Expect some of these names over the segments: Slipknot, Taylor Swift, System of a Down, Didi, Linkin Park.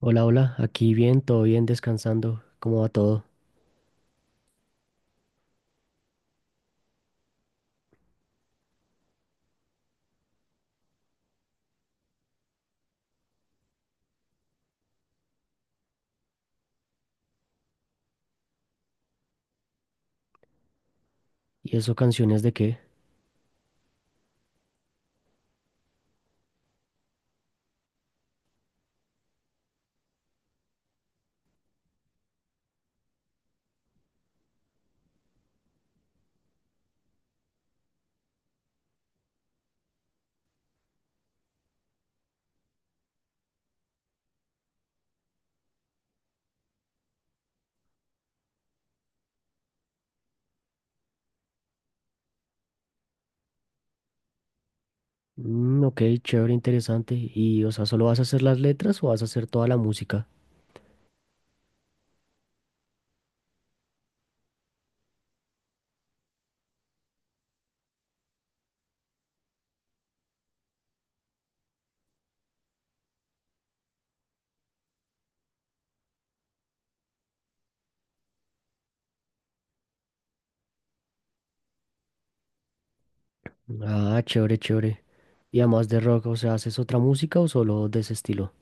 Hola, hola, aquí bien, todo bien, descansando, ¿cómo va todo? ¿Y eso canciones de qué? Mm, ok, chévere, interesante. ¿Y, o sea, solo vas a hacer las letras o vas a hacer toda la música? Ah, chévere, chévere. Y además de rock, o sea, ¿haces otra música o solo de ese estilo?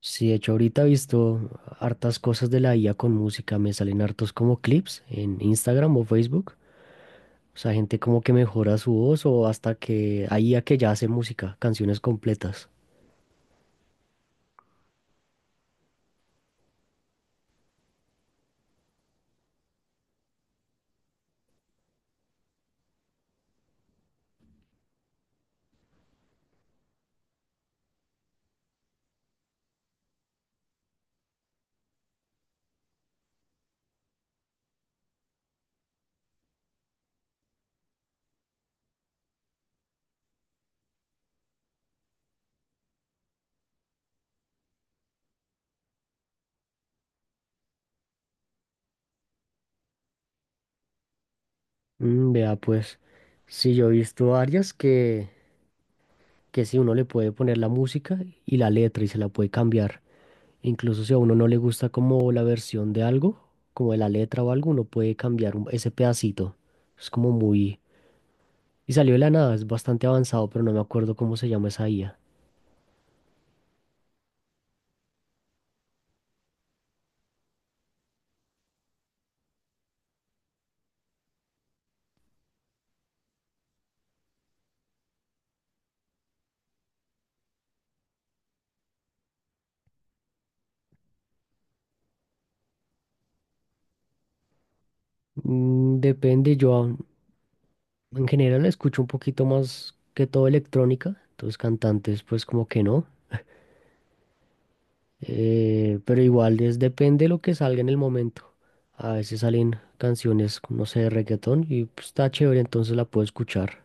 Sí, de hecho, ahorita he visto hartas cosas de la IA con música, me salen hartos como clips en Instagram o Facebook. O sea, gente como que mejora su voz o hasta que hay I a que ya hace música, canciones completas. Mm, vea, pues, sí, yo he visto varias que sí, uno le puede poner la música y la letra y se la puede cambiar. Incluso si a uno no le gusta como la versión de algo, como de la letra o algo, uno puede cambiar ese pedacito. Es como muy. Y salió de la nada, es bastante avanzado, pero no me acuerdo cómo se llama esa IA. Mm, depende, en general escucho un poquito más que todo electrónica, entonces cantantes pues como que no. Pero igual es depende de lo que salga en el momento. A veces salen canciones, no sé, de reggaetón y pues, está chévere, entonces la puedo escuchar.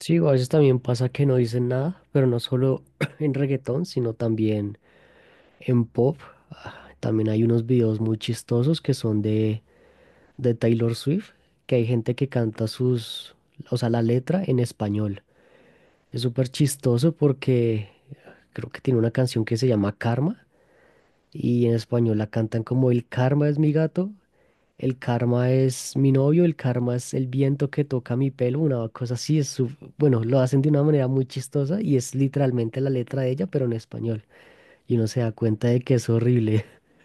Sí, a veces también pasa que no dicen nada, pero no solo en reggaetón, sino también en pop. Ah, también hay unos videos muy chistosos que son de Taylor Swift, que hay gente que canta sus, o sea, la letra en español. Es súper chistoso porque creo que tiene una canción que se llama Karma y en español la cantan como el karma es mi gato, el karma es mi novio, el karma es el viento que toca mi pelo, una cosa así, es su- bueno, lo hacen de una manera muy chistosa y es literalmente la letra de ella, pero en español. Y uno se da cuenta de que es horrible.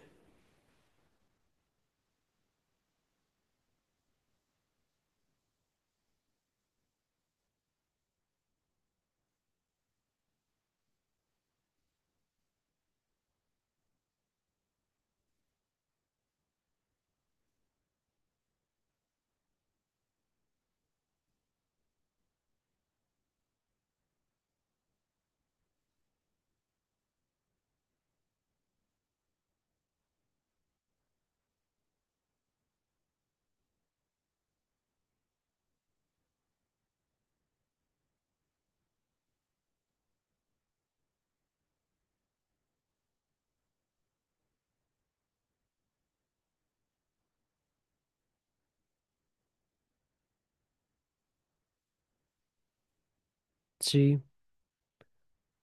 Sí,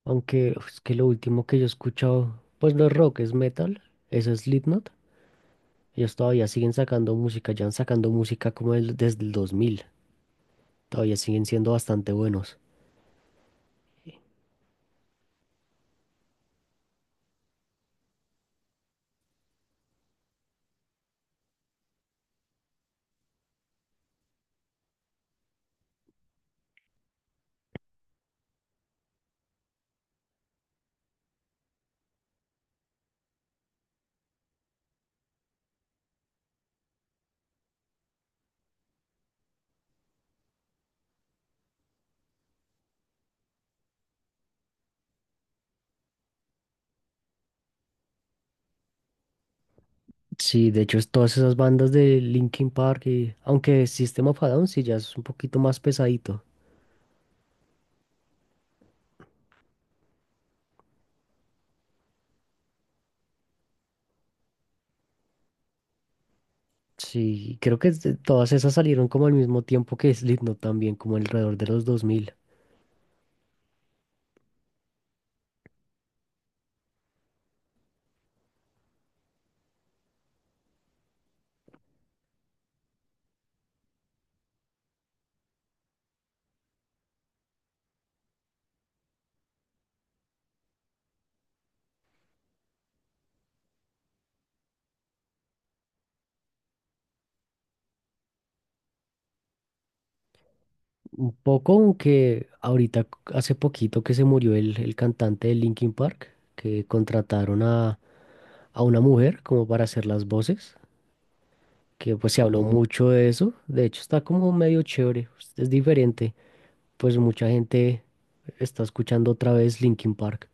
aunque uf, es que lo último que yo he escuchado, pues no es rock, es metal, eso es Slipknot. Ellos todavía siguen sacando música, ya han sacando música como desde el 2000, todavía siguen siendo bastante buenos. Sí, de hecho, es todas esas bandas de Linkin Park, y aunque System of a Down sí ya es un poquito más pesadito. Sí, creo que es todas esas salieron como al mismo tiempo que Slipknot también, como alrededor de los 2000. Un poco, aunque ahorita hace poquito que se murió el cantante de Linkin Park, que contrataron a una mujer como para hacer las voces, que pues se habló Ujú. Mucho de eso. De hecho, está como medio chévere, es diferente. Pues mucha gente está escuchando otra vez Linkin Park.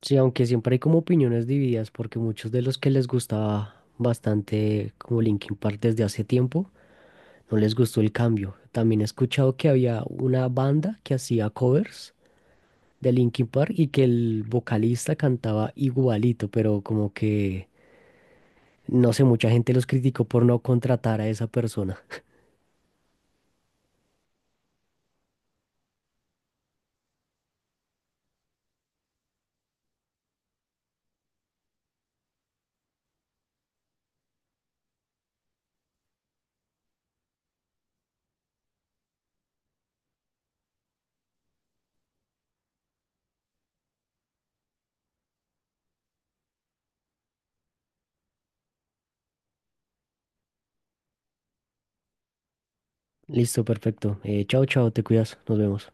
Sí, aunque siempre hay como opiniones divididas, porque muchos de los que les gustaba bastante como Linkin Park desde hace tiempo, no les gustó el cambio. También he escuchado que había una banda que hacía covers de Linkin Park y que el vocalista cantaba igualito, pero como que, no sé, mucha gente los criticó por no contratar a esa persona. Listo, perfecto. Chao, chao, te cuidas, nos vemos.